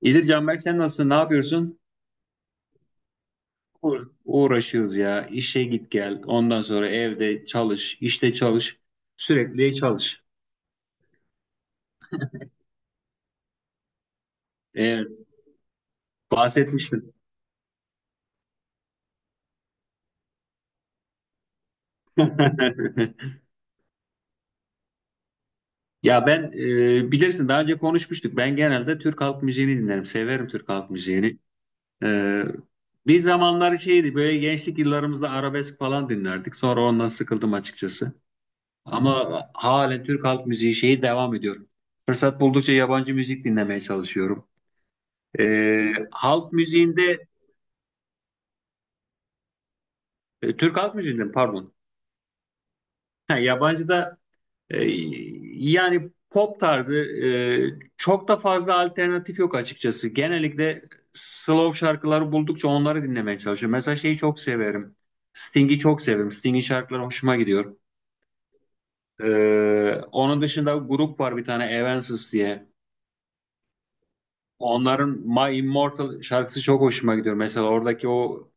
İyidir Canberk, sen nasılsın? Ne yapıyorsun? Uğraşıyoruz ya. İşe git gel. Ondan sonra evde çalış, işte çalış. Sürekli çalış. Evet, bahsetmiştim. Ya ben bilirsin daha önce konuşmuştuk. Ben genelde Türk halk müziğini dinlerim. Severim Türk halk müziğini. E, Bir zamanlar şeydi böyle gençlik yıllarımızda arabesk falan dinlerdik. Sonra ondan sıkıldım açıkçası. Ama halen Türk halk müziği şeyi devam ediyorum. Fırsat buldukça yabancı müzik dinlemeye çalışıyorum. Ee, halk müziğinde, Türk halk müziğinde pardon, ha, yabancıda e, yani pop tarzı, e, çok da fazla alternatif yok açıkçası. Genellikle slow şarkıları buldukça onları dinlemeye çalışıyorum. Mesela şeyi çok severim. Sting'i çok severim. Sting'in şarkıları hoşuma gidiyor. Onun dışında grup var bir tane Evanescence diye. Onların My Immortal şarkısı çok hoşuma gidiyor. Mesela oradaki o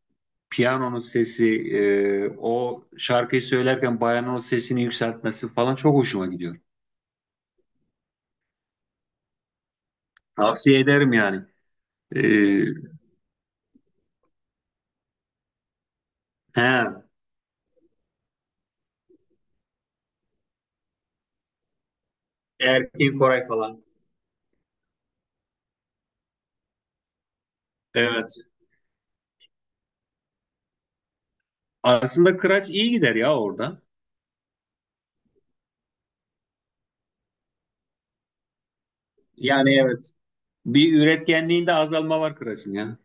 piyanonun sesi, o şarkıyı söylerken bayanın o sesini yükseltmesi falan çok hoşuma gidiyor. Tavsiye ederim yani. E, he, Erkin Koray falan. Evet. Aslında Kıraç iyi gider ya orada. Yani evet. Bir üretkenliğinde azalma var Kıraç'ın ya.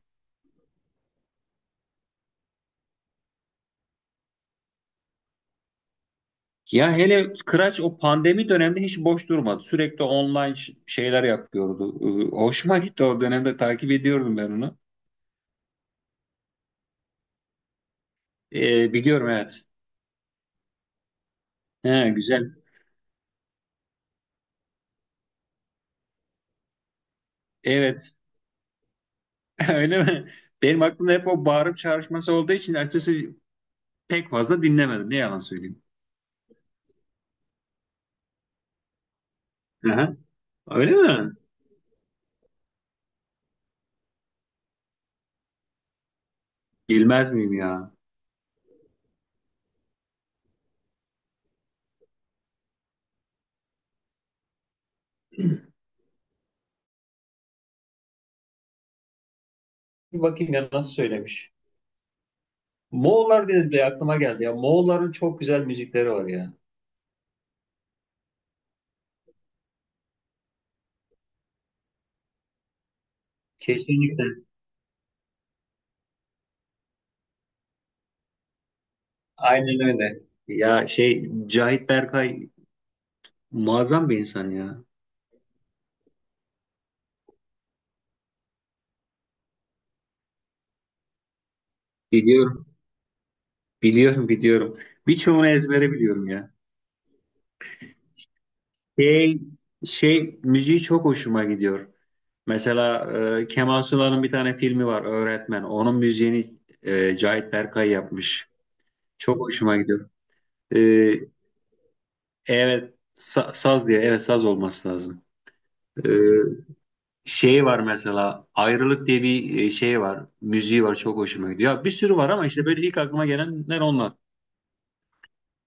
Ya hele Kıraç o pandemi döneminde hiç boş durmadı. Sürekli online şeyler yapıyordu. Hoşuma gitti, o dönemde takip ediyordum ben onu. Biliyorum, evet. He, güzel. Evet. Öyle mi? Benim aklımda hep o bağırıp çağrışması olduğu için açıkçası pek fazla dinlemedim. Ne yalan söyleyeyim. Aha, öyle mi? Bilmez miyim ya? Bir bakayım ya nasıl söylemiş. Moğollar dedi de aklıma geldi ya. Moğolların çok güzel müzikleri var ya. Kesinlikle. Aynen öyle. Ya şey Cahit Berkay muazzam bir insan ya. Biliyorum. Biliyorum. Birçoğunu ezbere biliyorum ya. Şey, şey müziği çok hoşuma gidiyor. Mesela Kemal Sunal'ın bir tane filmi var, Öğretmen. Onun müziğini Cahit Berkay yapmış. Çok hoşuma gidiyor. E, evet, saz diye, evet, saz olması lazım. E, Şey var mesela Ayrılık diye bir şey var. Müziği var, çok hoşuma gidiyor. Ya, bir sürü var ama işte böyle ilk aklıma gelenler onlar.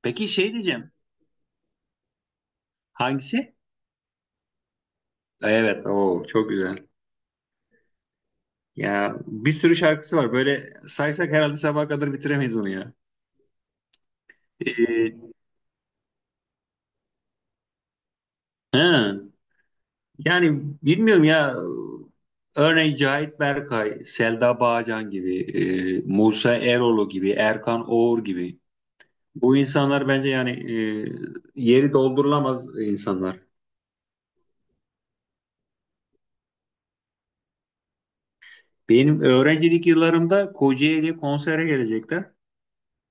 Peki şey diyeceğim. Hangisi? Evet, o çok güzel. Ya bir sürü şarkısı var. Böyle saysak herhalde sabaha kadar bitiremeyiz onu ya. E, ha. Yani bilmiyorum ya, örneğin Cahit Berkay, Selda Bağcan gibi, Musa Eroğlu gibi, Erkan Oğur gibi. Bu insanlar bence yani, e, yeri doldurulamaz insanlar. Benim öğrencilik yıllarımda Kocaeli'ye konsere gelecekler.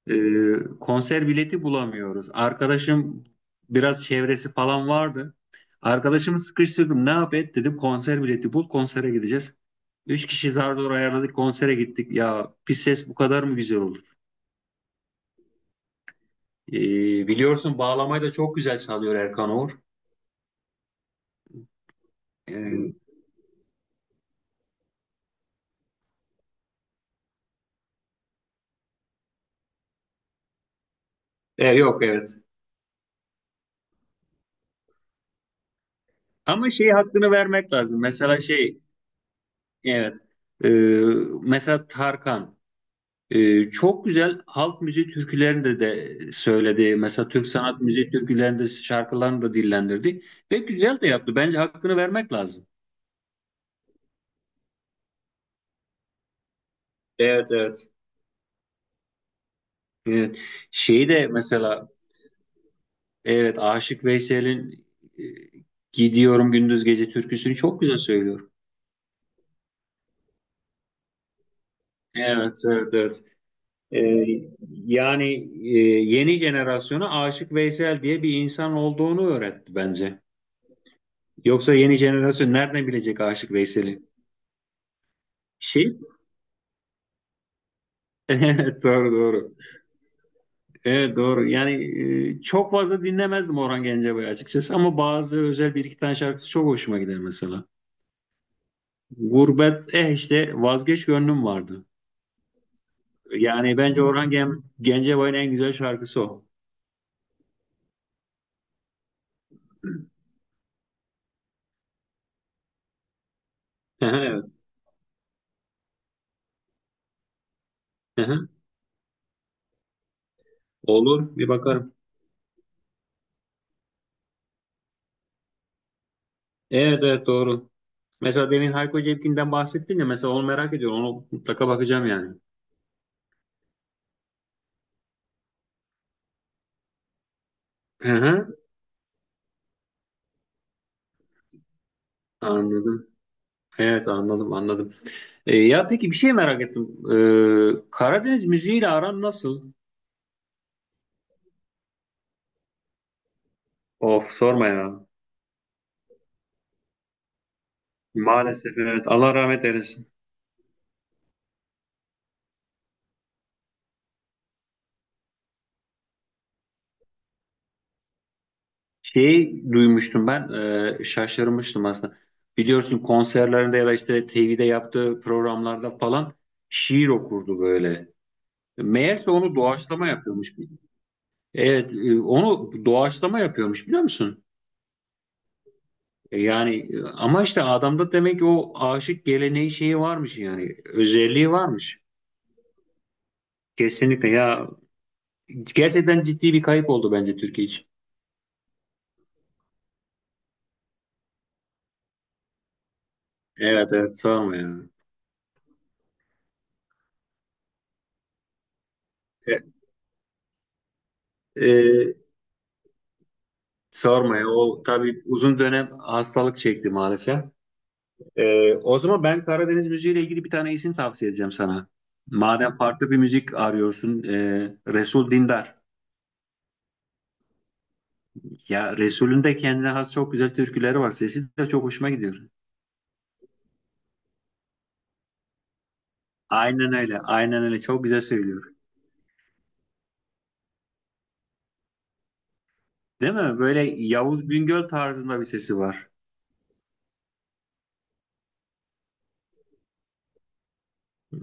Ee, Konser bileti bulamıyoruz. Arkadaşım biraz çevresi falan vardı. Arkadaşımı sıkıştırdım. Ne yap et dedim. Konser bileti bul. Konsere gideceğiz. Üç kişi zar zor ayarladık. Konsere gittik. Ya pis ses bu kadar mı güzel olur? Biliyorsun bağlamayı da çok güzel çalıyor Erkan Oğur. Ee, Yok, evet. Ama şey hakkını vermek lazım. Mesela şey, evet. Ee, Mesela Tarkan. Çok güzel halk müziği türkülerinde de söyledi. Mesela Türk sanat müziği türkülerinde şarkılarını da dillendirdi. Ve güzel de yaptı. Bence hakkını vermek lazım. Evet, evet. Evet. Şeyi de mesela, evet, Aşık Veysel'in e, Gidiyorum Gündüz Gece türküsünü çok güzel söylüyor. Evet, evet, evet. Ee, Yani e, yeni jenerasyona Aşık Veysel diye bir insan olduğunu öğretti bence. Yoksa yeni jenerasyon nereden bilecek Aşık Veysel'i? Şey Evet, doğru, doğru. Evet, doğru. Yani çok fazla dinlemezdim Orhan Gencebay'ı açıkçası ama bazı özel bir iki tane şarkısı çok hoşuma gider mesela. Gurbet, eh işte vazgeç gönlüm vardı. Yani bence Orhan Gencebay'ın en güzel şarkısı o. Evet. Hı-hı. Olur, bir bakarım. Evet, evet, doğru. Mesela demin Hayko Cepkin'den bahsettin ya, mesela onu merak ediyorum. Onu mutlaka bakacağım yani. Hı-hı. Anladım. Evet, anladım, anladım. Ya peki bir şey merak ettim. Karadeniz müziğiyle aran nasıl? Of sorma ya. Maalesef evet. Allah rahmet eylesin. Şey duymuştum ben, şaşırmıştım aslında. Biliyorsun konserlerinde ya da işte TV'de yaptığı programlarda falan şiir okurdu böyle. Meğerse onu doğaçlama yapıyormuş. Evet, onu doğaçlama yapıyormuş, biliyor musun? Yani ama işte adamda demek ki o aşık geleneği şeyi varmış, yani özelliği varmış. Kesinlikle ya. Gerçekten ciddi bir kayıp oldu bence Türkiye için. Evet, evet, sorma ya. E, e, Sorma ya. O tabii uzun dönem hastalık çekti maalesef. O zaman ben Karadeniz müziğiyle ilgili bir tane isim tavsiye edeceğim sana. Madem farklı bir müzik arıyorsun, Resul Dindar. Ya Resul'ün de kendine has çok güzel türküleri var. Sesi de çok hoşuma gidiyor. Aynen öyle, aynen öyle. Çok güzel söylüyor. Değil mi? Böyle Yavuz Bingöl tarzında bir sesi var.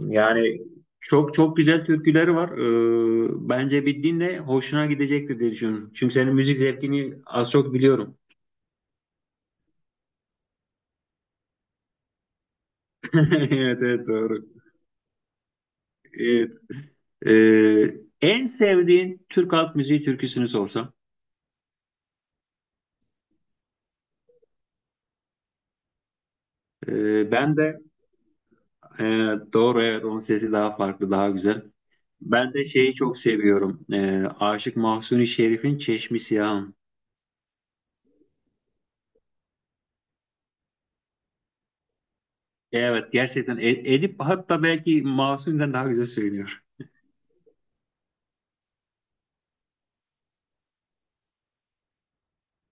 Yani çok çok güzel türküleri var. Bence bir dinle, hoşuna gidecektir diye düşünüyorum. Çünkü senin müzik zevkini az çok biliyorum. Evet, evet, doğru. Evet. Ee, En sevdiğin Türk halk müziği türküsünü sorsam. Ee, ben de e, doğru, evet, onun sesi daha farklı, daha güzel. Ben de şeyi çok seviyorum. Aşık Mahzuni Şerif'in Çeşmi Siyahım. Evet gerçekten Edip hatta belki Mahsuni'den daha güzel söylüyor.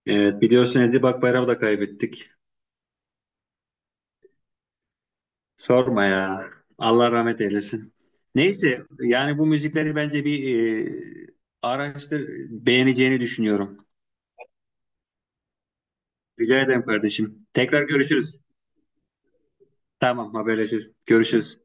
Evet, biliyorsun Edip Akbayram'ı da kaybettik. Sorma ya. Allah rahmet eylesin. Neyse yani bu müzikleri bence bir, e, araştır, beğeneceğini düşünüyorum. Rica ederim kardeşim. Tekrar görüşürüz. Tamam, haberleşiriz. Görüşürüz.